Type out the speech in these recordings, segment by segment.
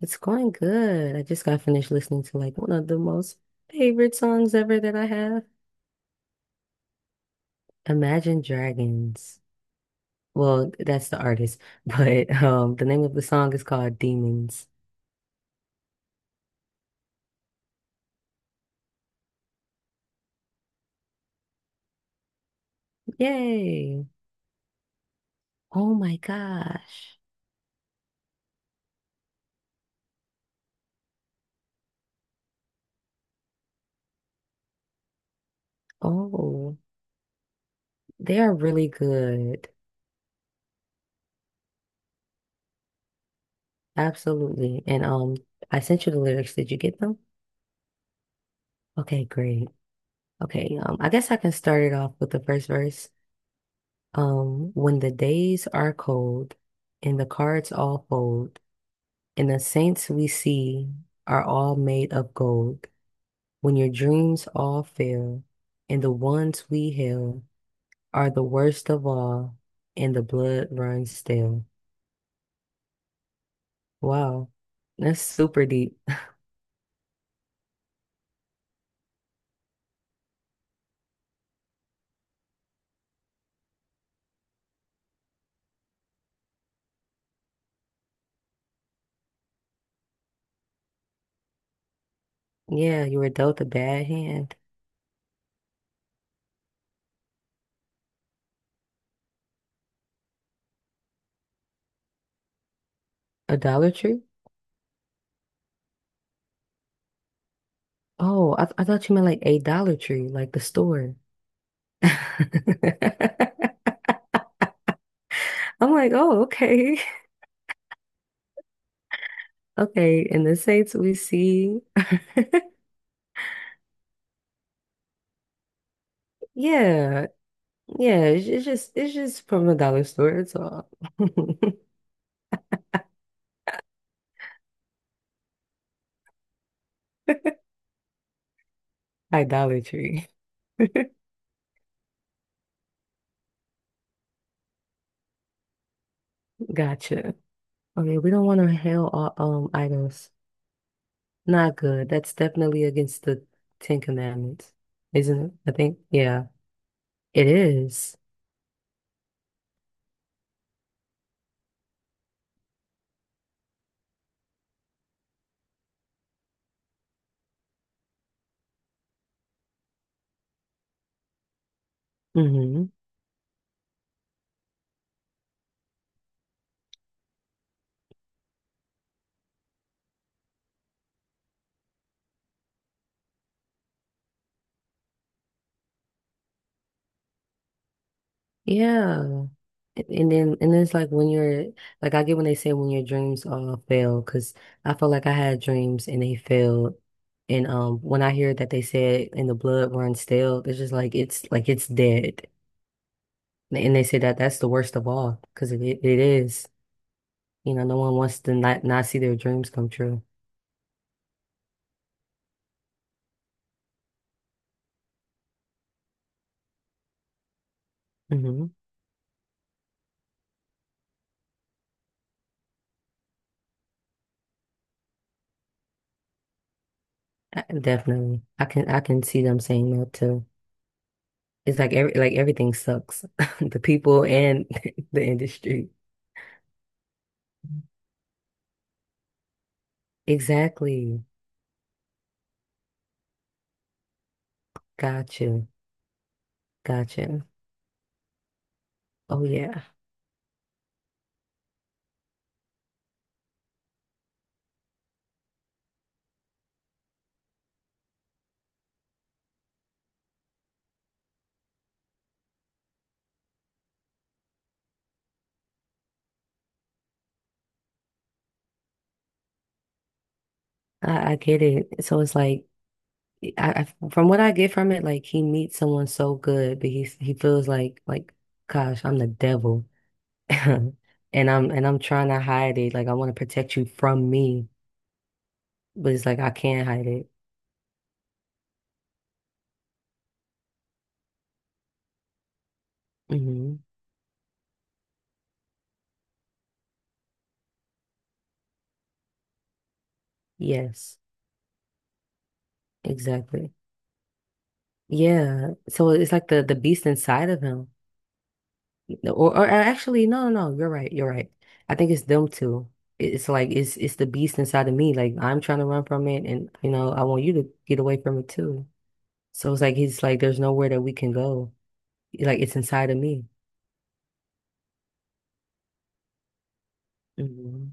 It's going good. I just got finished listening to like one of the most favorite songs ever that I have. Imagine Dragons. Well, that's the artist, but the name of the song is called Demons. Yay. Oh my gosh. Oh, they are really good. Absolutely. And I sent you the lyrics. Did you get them? Okay, great. Okay, I guess I can start it off with the first verse. When the days are cold and the cards all fold, and the saints we see are all made of gold. When your dreams all fail, and the ones we hail are the worst of all, and the blood runs stale. Wow, that's super deep. Yeah, you were dealt a bad hand. Idolatry? Oh, I thought you meant like a Dollar Tree, like the store. I'm like, oh, okay. Okay, and the saints we see. Yeah, yeah, it's just from the dollar store. It's all idolatry. Gotcha. Okay, we don't want to hail all items. Not good. That's definitely against the Ten Commandments, isn't it? I think. Yeah, it is. Mm-hmm. Yeah. And then, and it's like when you're like, I get when they say when your dreams all fail, because I felt like I had dreams and they failed. And when I hear that they said and the blood runs stale, it's just like it's dead. And they say that that's the worst of all because it is. No one wants to not not see their dreams come true. Hmm. Definitely, I can see them saying that too. It's like every like everything sucks, the people and the industry. Exactly. Gotcha. Gotcha. Oh yeah, I get it. So it's like, I from what I get from it, like he meets someone so good, but he feels like, gosh, I'm the devil, and I'm trying to hide it. Like I want to protect you from me, but it's like I can't hide it. Hmm. Yes, exactly. Yeah. So it's like the beast inside of him. No, or actually, no, no, no, you're right, you're right. I think it's them two. It's like it's the beast inside of me. Like I'm trying to run from it, and you know I want you to get away from it too. So it's like there's nowhere that we can go. Like it's inside of me. Mhm.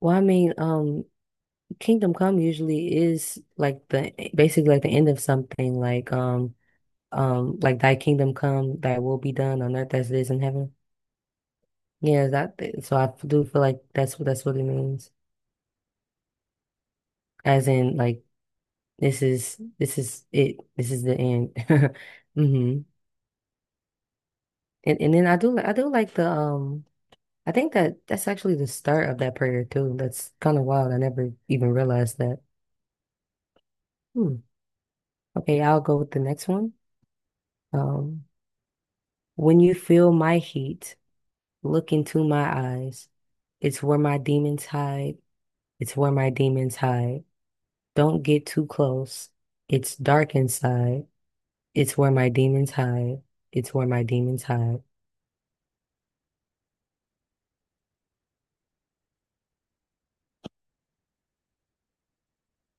Well, I mean, Kingdom Come usually is like the basically like the end of something. Like Thy kingdom come, Thy will be done on earth as it is in heaven. Yeah, that. So I do feel like that's what it means. As in, like. This is it. This is the end. Hmm. And then I do like the I think that that's actually the start of that prayer too. That's kind of wild. I never even realized that. Hmm. Okay, I'll go with the next one. Um, when you feel my heat, look into my eyes. It's where my demons hide. It's where my demons hide. Don't get too close. It's dark inside. It's where my demons hide. It's where my demons hide.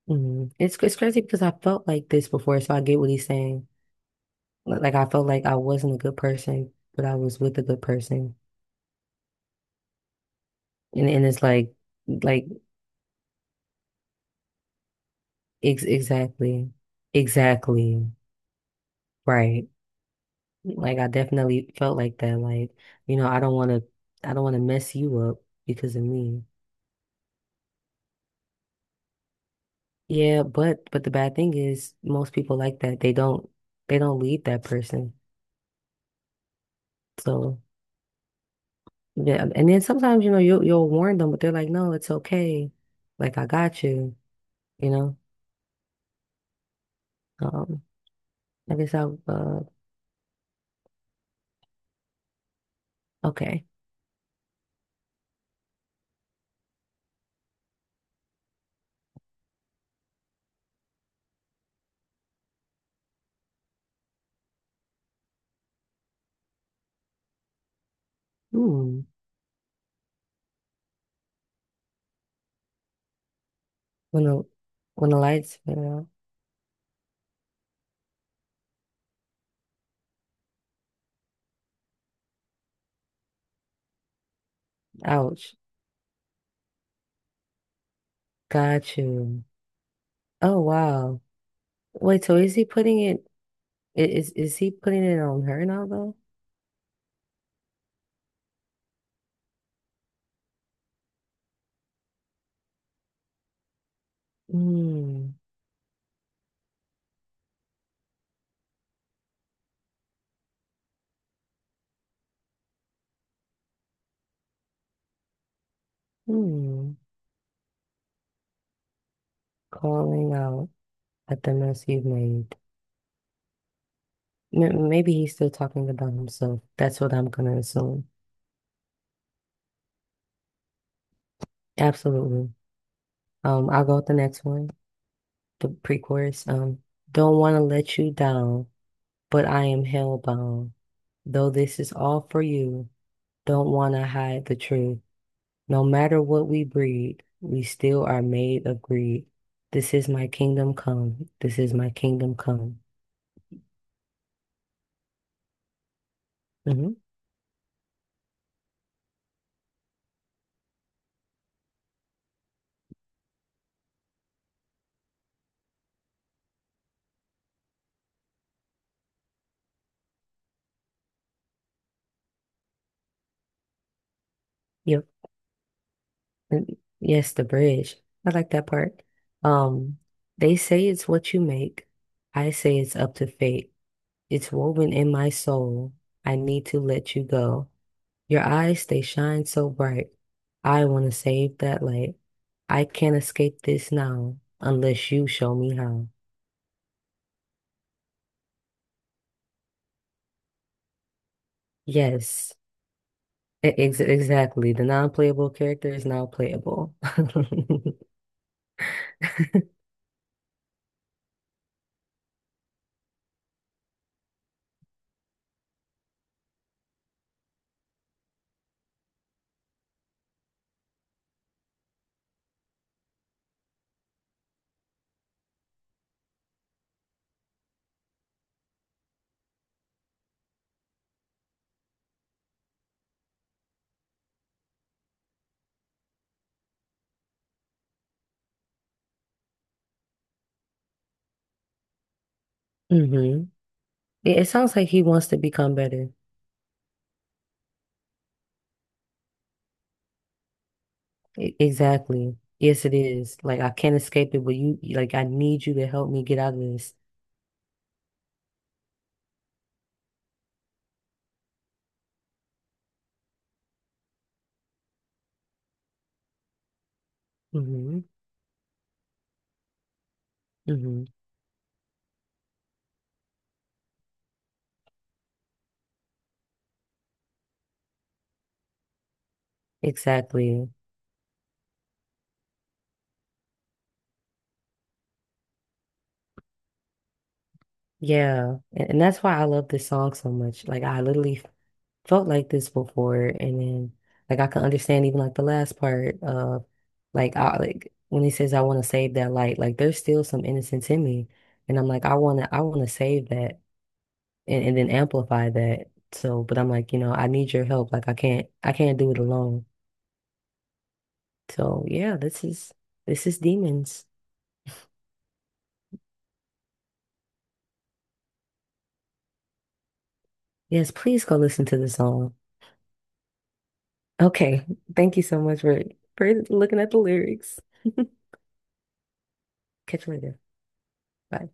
Mhm. It's crazy because I felt like this before, so I get what he's saying. Like I felt like I wasn't a good person, but I was with a good person, and it's like ex exactly, exactly right. Like I definitely felt like that. Like you know, I don't want to mess you up because of me. Yeah, but the bad thing is most people like that. They don't leave that person. So. Yeah, and then sometimes, you know, you you'll warn them, but they're like, "No, it's okay. Like I got you." You know. Um, I guess I. uh okay. Hmm. When the when the lights went out. Ouch. Got you. Oh wow. Wait, so is he putting it? Is he putting it on her now though? Hmm. Hmm. Calling out at the mess you've made. M maybe he's still talking about himself. That's what I'm gonna assume. Absolutely. I'll go with the next one. The pre-chorus. Don't want to let you down, but I am hellbound. Though this is all for you, don't want to hide the truth. No matter what we breed, we still are made of greed. This is my kingdom come. This is my kingdom come. Hmm. Yep. And yes, the bridge. I like that part. Um, they say it's what you make. I say it's up to fate. It's woven in my soul. I need to let you go. Your eyes, they shine so bright. I want to save that light. I can't escape this now unless you show me how. Yes, e- ex exactly. The non-playable character is now playable. Hmm. It sounds like he wants to become better. Exactly. Yes, it is. Like I can't escape it, but you, like I need you to help me get out of this. Hmm. Hmm. Exactly. Yeah. And that's why I love this song so much. Like I literally felt like this before, and then like I can understand even like the last part of like I like when he says I want to save that light, like there's still some innocence in me, and I'm like I want to save that, and then amplify that, so but I'm like you know I need your help, like I can't do it alone. So yeah, this is Demons. Yes, please go listen to the song. Okay, thank you so much for looking at the lyrics. Catch you later. Bye.